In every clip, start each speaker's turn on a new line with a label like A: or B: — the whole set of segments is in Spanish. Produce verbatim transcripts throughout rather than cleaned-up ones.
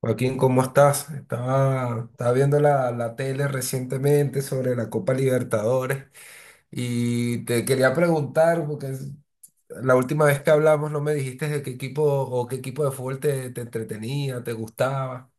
A: Joaquín, ¿cómo estás? Estaba, estaba viendo la, la tele recientemente sobre la Copa Libertadores y te quería preguntar, porque es- la última vez que hablamos no me dijiste de qué equipo o qué equipo de fútbol te, te entretenía, te gustaba.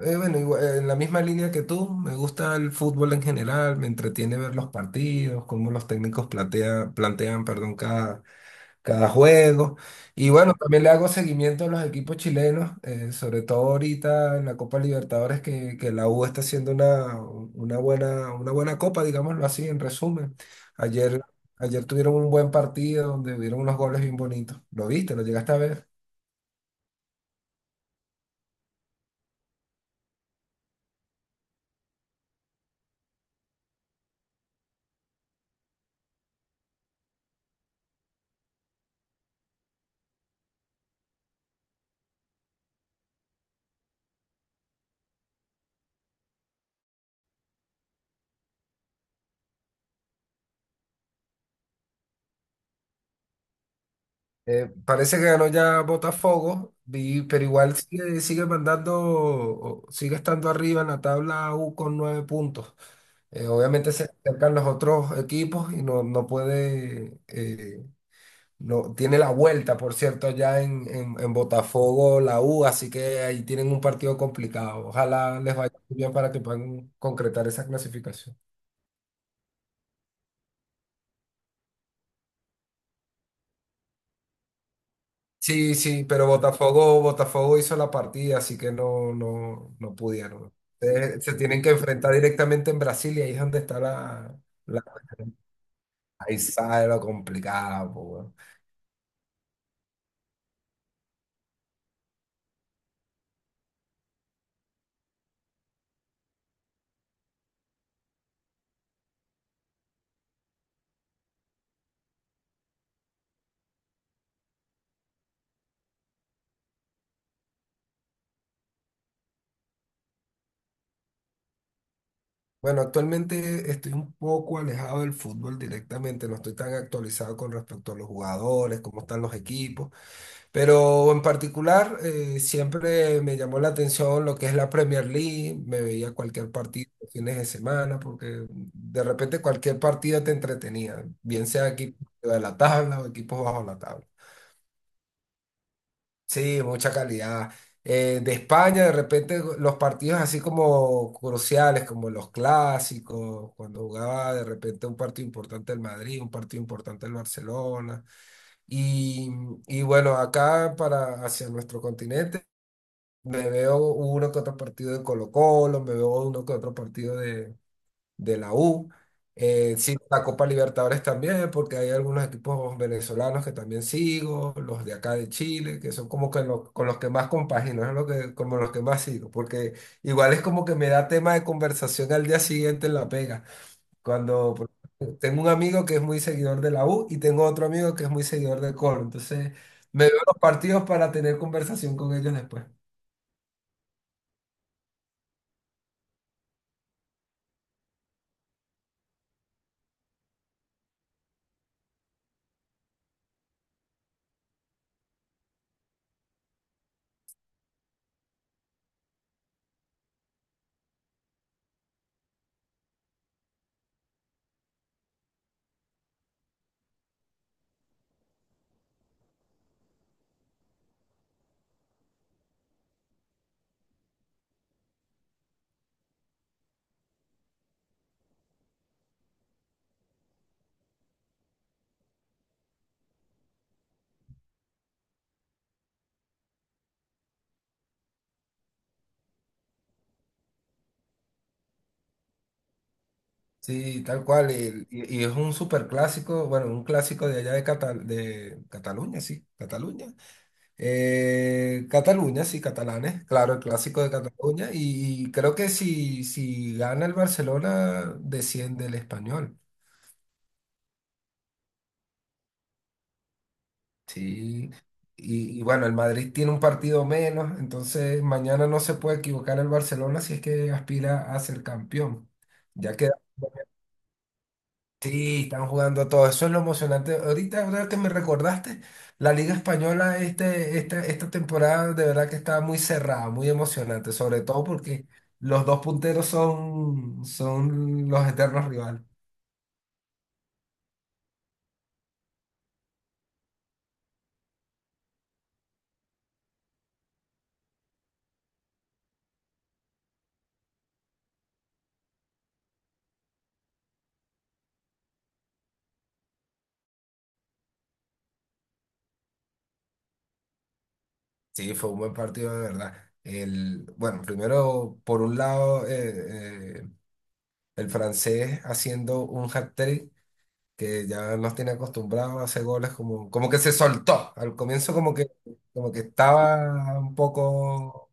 A: Eh, bueno, igual, en la misma línea que tú, me gusta el fútbol en general, me entretiene ver los partidos, cómo los técnicos platea- plantean, perdón, cada, cada juego. Y bueno, también le hago seguimiento a los equipos chilenos, eh, sobre todo ahorita en la Copa Libertadores, que, que la U está haciendo una, una buena, una buena copa, digámoslo así, en resumen. Ayer, ayer tuvieron un buen partido donde hubieron unos goles bien bonitos. ¿Lo viste? ¿Lo llegaste a ver? Eh, parece que ganó ya Botafogo, vi- pero igual sigue, sigue mandando, o- sigue estando arriba en la tabla U con nueve puntos. Eh, obviamente se acercan los otros equipos y no, no puede, eh, no, tiene la vuelta, por cierto, allá en, en, en Botafogo, la U, así que ahí tienen un partido complicado. Ojalá les vaya muy bien para que puedan concretar esa clasificación. Sí, sí, pero Botafogo, Botafogo hizo la partida, así que no, no, no pudieron. Eh, se tienen que enfrentar directamente en Brasil y ahí es donde está la, la... Ahí sale lo complicado, pues. Bueno, actualmente estoy un poco alejado del fútbol directamente, no estoy tan actualizado con respecto a los jugadores, cómo están los equipos, pero en particular eh, siempre me llamó la atención lo que es la Premier League, me veía cualquier partido los fines de semana, porque de repente cualquier partido te entretenía, bien sea equipos de la tabla o equipos bajo la tabla. Sí, mucha calidad. Eh, de España, de repente, los partidos así como cruciales, como los clásicos, cuando jugaba de repente un partido importante el Madrid, un partido importante el Barcelona. Y, y bueno, acá para hacia nuestro continente, me veo uno que otro partido de Colo-Colo, me veo uno que otro partido de de la U. Eh, sigo la Copa Libertadores también, porque hay algunos equipos venezolanos que también sigo, los de acá de Chile, que son como que lo- con los que más compagino, es lo que, como los que más sigo, porque igual es como que me da tema de conversación al día siguiente en la pega. Cuando por- tengo un amigo que es muy seguidor de la U y tengo otro amigo que es muy seguidor del Coro, entonces me veo los partidos para tener conversación con ellos después. Sí, tal cual. Y, y- y es un súper clásico, bueno, un clásico de allá de, Catal- de Cataluña, sí, Cataluña. Eh, Cataluña, sí, catalanes, claro, el clásico de Cataluña. Y, creo que si, si gana el Barcelona, desciende el español. Sí. Y, y bueno, el Madrid tiene un partido menos, entonces mañana no se puede equivocar el Barcelona si es que aspira a ser campeón. Ya queda. Sí, están jugando a todo. Eso es lo emocionante. Ahorita, ahora que me recordaste, la Liga Española este, esta, esta temporada de verdad que está muy cerrada, muy emocionante, sobre todo porque los dos punteros son, son los eternos rivales. Sí, fue un buen partido de verdad. El, bueno, primero, por un lado, eh, eh, el francés haciendo un hat-trick que ya nos tiene acostumbrados a hacer goles como, como que se soltó. Al comienzo como que como que estaba un poco.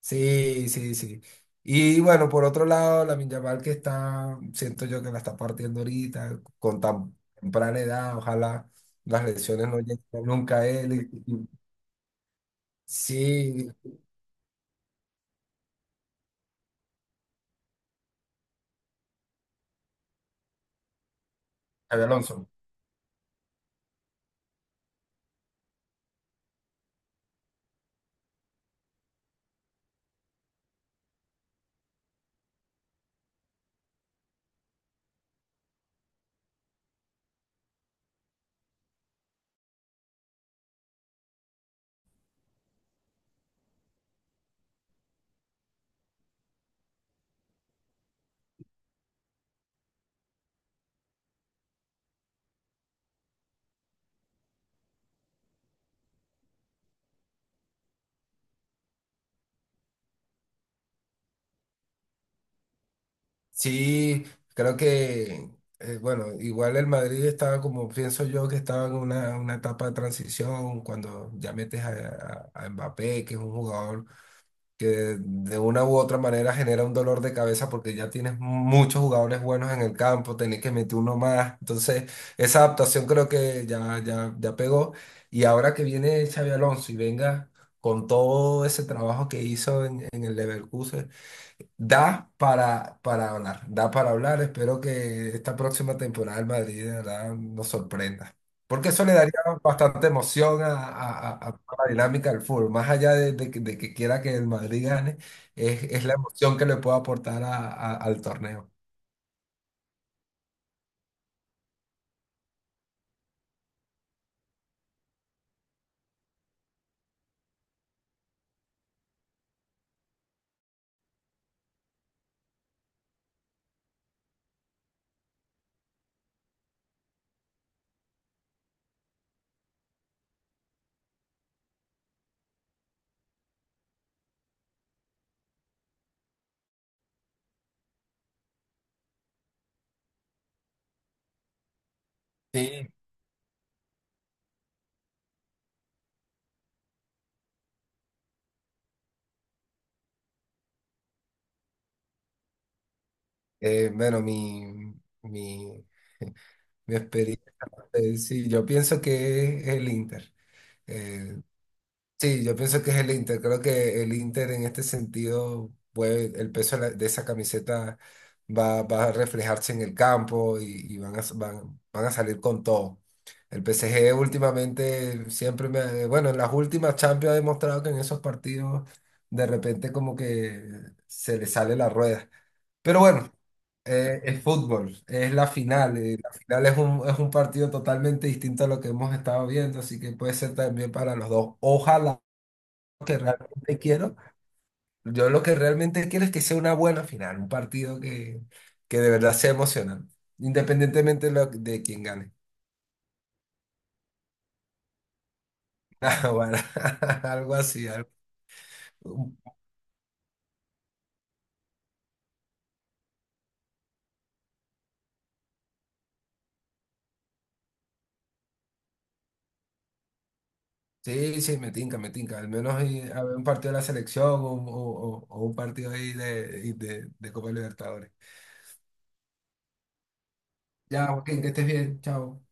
A: Sí, sí, sí. Y bueno, por otro lado, la Yamal que está, siento yo que la está partiendo ahorita, con tan temprana edad, ojalá las lesiones no lleguen nunca a él. Y- y- Sí, Xabi Alonso. Sí, creo que, eh, bueno, igual el Madrid estaba como pienso yo que estaba en una, una etapa de transición, cuando ya metes a, a a Mbappé, que es un jugador que de una u otra manera genera un dolor de cabeza porque ya tienes muchos jugadores buenos en el campo, tenés que meter uno más. Entonces, esa adaptación creo que ya, ya, ya pegó. Y ahora que viene Xavi Alonso y venga con todo ese trabajo que hizo en, en el Leverkusen, da para, para hablar, da para hablar. Espero que esta próxima temporada el Madrid de verdad nos sorprenda. Porque eso le daría bastante emoción a, a- a- a toda la dinámica del fútbol. Más allá de, de que de que quiera que el Madrid gane, es, es la emoción que le puede aportar a- a- al torneo. Sí. Eh, bueno, mi, mi, mi experiencia, eh, sí, yo pienso que es el Inter. Eh, Sí, yo pienso que es el Inter. Creo que el Inter en este sentido, puede, el peso de, la- de esa camiseta va, va a reflejarse en el campo y, y van a, s- van, van a salir con todo. El P S G últimamente siempre me... ha- eh, bueno, en las últimas Champions ha demostrado que en esos partidos de repente como que se le sale la rueda. Pero bueno, eh, es fútbol, es la final. Eh, la final es un, es un partido totalmente distinto a lo que hemos estado viendo, así que puede ser también para los dos. Ojalá que realmente quiero. Yo lo que realmente quiero es que sea una buena final, un partido que, que de verdad sea emocionante, independientemente de, lo- de quién gane. Ah, bueno, algo así. algo- Sí, sí, me tinca, me tinca. Al menos eh, a ver un partido de la selección o, o- o- o un partido ahí de, de, de Copa Libertadores. Ya, Joaquín, que estés bien. Chao.